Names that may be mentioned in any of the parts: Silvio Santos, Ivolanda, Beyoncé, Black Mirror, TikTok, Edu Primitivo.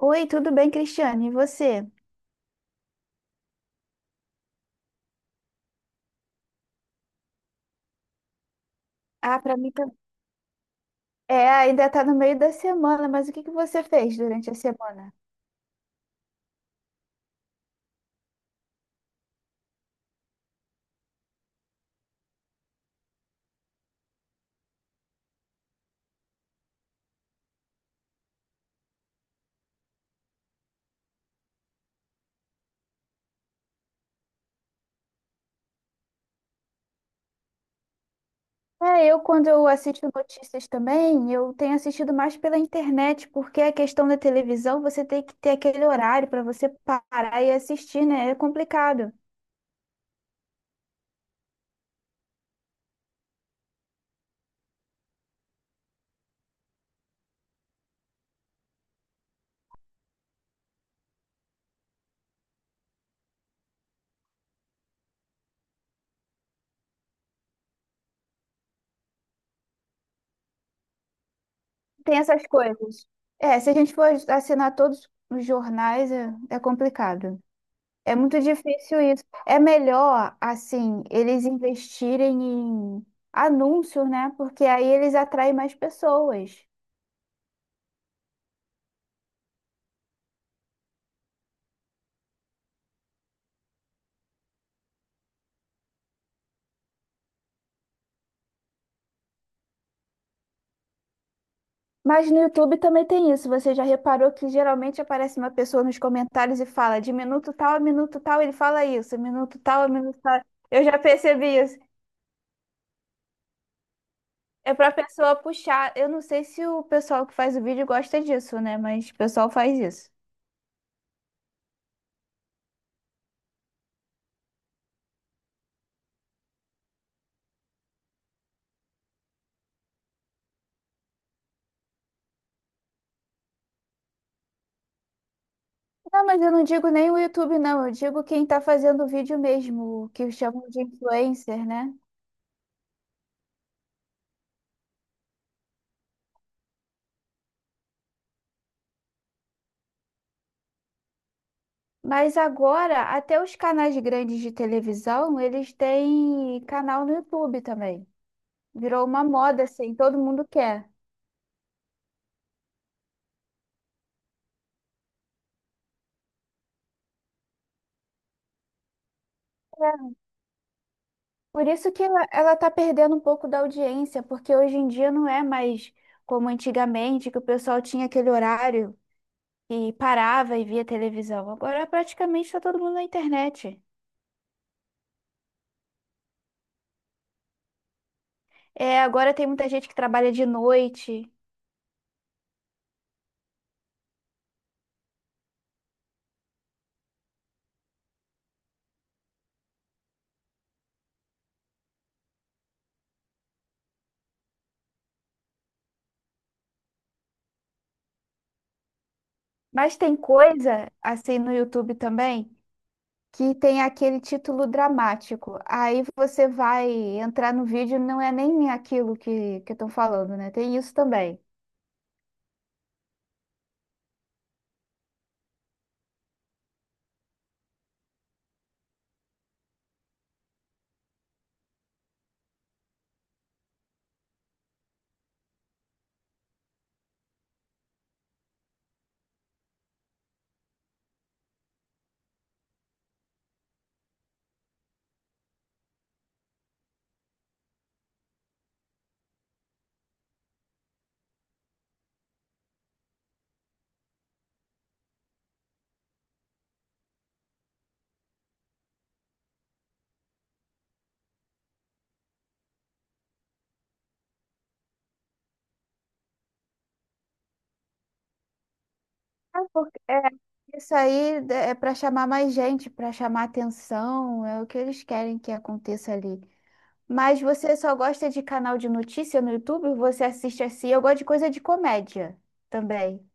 Oi, tudo bem, Cristiane? E você? Ah, pra mim também. É, ainda tá no meio da semana, mas o que que você fez durante a semana? É, eu quando eu assisto notícias também, eu tenho assistido mais pela internet, porque a questão da televisão, você tem que ter aquele horário para você parar e assistir, né? É complicado. Tem essas coisas. É, se a gente for assinar todos os jornais, é, é complicado. É muito difícil isso. É melhor, assim, eles investirem em anúncios, né? Porque aí eles atraem mais pessoas. Mas no YouTube também tem isso. Você já reparou que geralmente aparece uma pessoa nos comentários e fala de minuto tal a minuto tal, ele fala isso, minuto tal a minuto tal. Eu já percebi isso. É pra pessoa puxar. Eu não sei se o pessoal que faz o vídeo gosta disso, né? Mas o pessoal faz isso. Não, mas eu não digo nem o YouTube, não. Eu digo quem tá fazendo o vídeo mesmo, o que chamam de influencer, né? Mas agora, até os canais grandes de televisão, eles têm canal no YouTube também. Virou uma moda, assim, todo mundo quer. É, por isso que ela tá perdendo um pouco da audiência, porque hoje em dia não é mais como antigamente, que o pessoal tinha aquele horário e parava e via televisão. Agora praticamente está todo mundo na internet. É, agora tem muita gente que trabalha de noite. Mas tem coisa, assim, no YouTube também, que tem aquele título dramático. Aí você vai entrar no vídeo, e não é nem aquilo que estão falando, né? Tem isso também. É, isso aí é para chamar mais gente, para chamar atenção, é o que eles querem que aconteça ali. Mas você só gosta de canal de notícia no YouTube? Você assiste assim? Eu gosto de coisa de comédia também.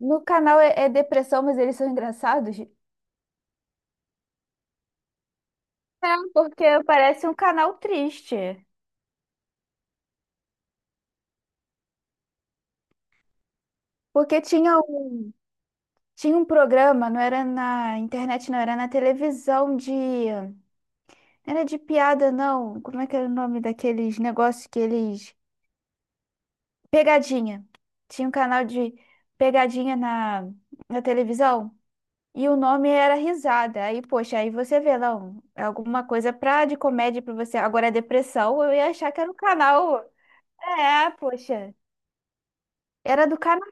No canal é, é depressão, mas eles são engraçados. É, porque parece um canal triste. Porque tinha um programa, não era na internet, não, era na televisão de. Não era de piada, não. Como é que era o nome daqueles negócios que eles. Pegadinha. Tinha um canal de pegadinha na televisão. E o nome era Risada. Aí, poxa, aí você vê, não, é alguma coisa pra, de comédia pra você. Agora, é depressão, eu ia achar que era um canal. É, poxa. Era do canal.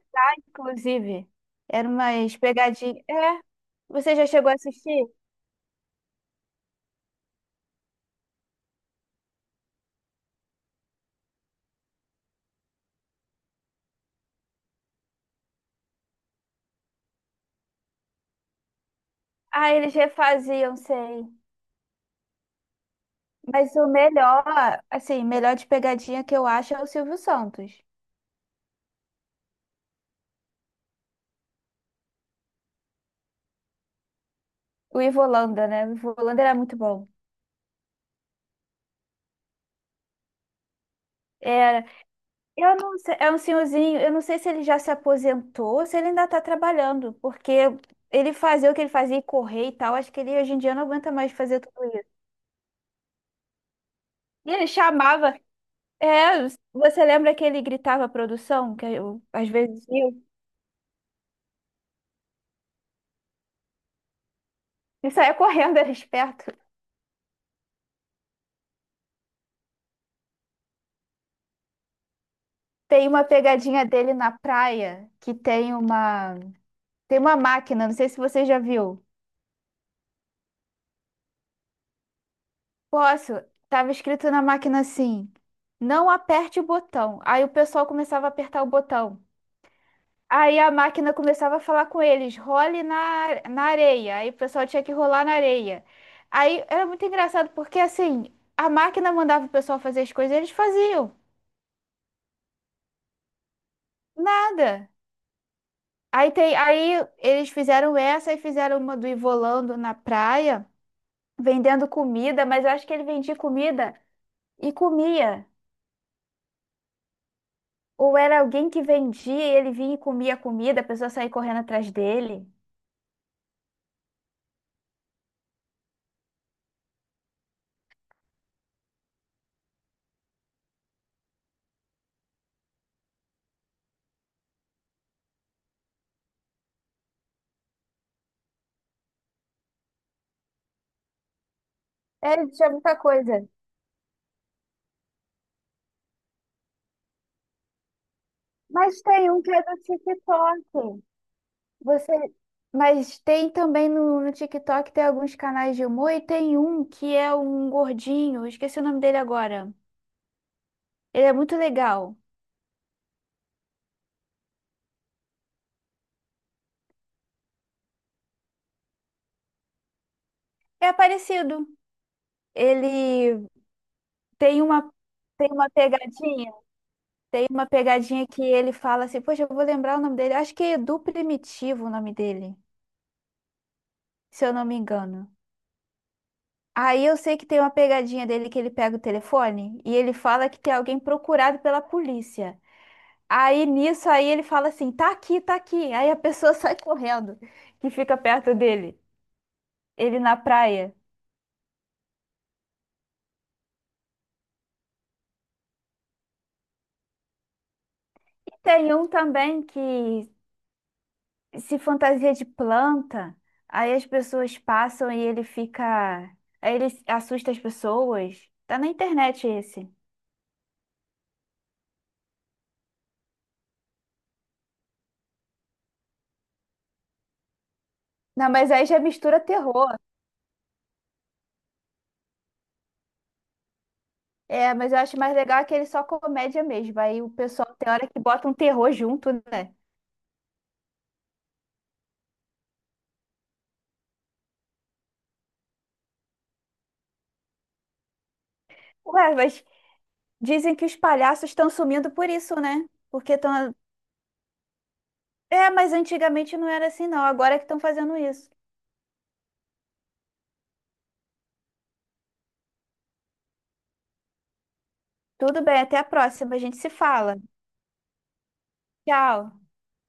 Inclusive, era umas pegadinhas. É, você já chegou a assistir? Ah, eles refaziam, sei. Mas o melhor, assim, melhor de pegadinha que eu acho é o Silvio Santos. O Ivolanda, né? O Ivo era muito bom. Era. Eu não sei, é um senhorzinho, eu não sei se ele já se aposentou ou se ele ainda tá trabalhando, porque ele fazia o que ele fazia e correr e tal. Acho que ele hoje em dia não aguenta mais fazer tudo isso. E ele chamava. É, você lembra que ele gritava a produção? Que eu, às vezes. E saía correndo, era esperto. Tem uma pegadinha dele na praia que tem uma máquina, não sei se você já viu. Posso? Tava escrito na máquina assim: "Não aperte o botão". Aí o pessoal começava a apertar o botão. Aí a máquina começava a falar com eles: "Role na na areia". Aí o pessoal tinha que rolar na areia. Aí era muito engraçado porque assim, a máquina mandava o pessoal fazer as coisas, e eles faziam. Nada. Aí, tem, aí eles fizeram essa e fizeram uma do Ivolando na praia, vendendo comida, mas eu acho que ele vendia comida e comia. Ou era alguém que vendia e ele vinha e comia a comida, a pessoa saía correndo atrás dele. É, tinha muita coisa. Mas tem um que é do TikTok. Você... Mas tem também no TikTok, tem alguns canais de humor e tem um que é um gordinho, eu esqueci o nome dele agora. Ele é muito legal. É parecido. Ele tem uma Tem uma pegadinha, tem uma pegadinha que ele fala assim, poxa, eu vou lembrar o nome dele. Acho que é Edu Primitivo o nome dele, se eu não me engano. Aí eu sei que tem uma pegadinha dele que ele pega o telefone e ele fala que tem alguém procurado pela polícia. Aí nisso aí ele fala assim, tá aqui, tá aqui. Aí a pessoa sai correndo que fica perto dele, ele na praia. Tem um também que se fantasia de planta, aí as pessoas passam e ele fica. Aí ele assusta as pessoas. Tá na internet esse. Não, mas aí já mistura terror. É, mas eu acho mais legal aquele só comédia mesmo. Aí o pessoal tem hora que bota um terror junto, né? Ué, mas dizem que os palhaços estão sumindo por isso, né? Porque estão. É, mas antigamente não era assim, não. Agora é que estão fazendo isso. Tudo bem, até a próxima. A gente se fala. Tchau.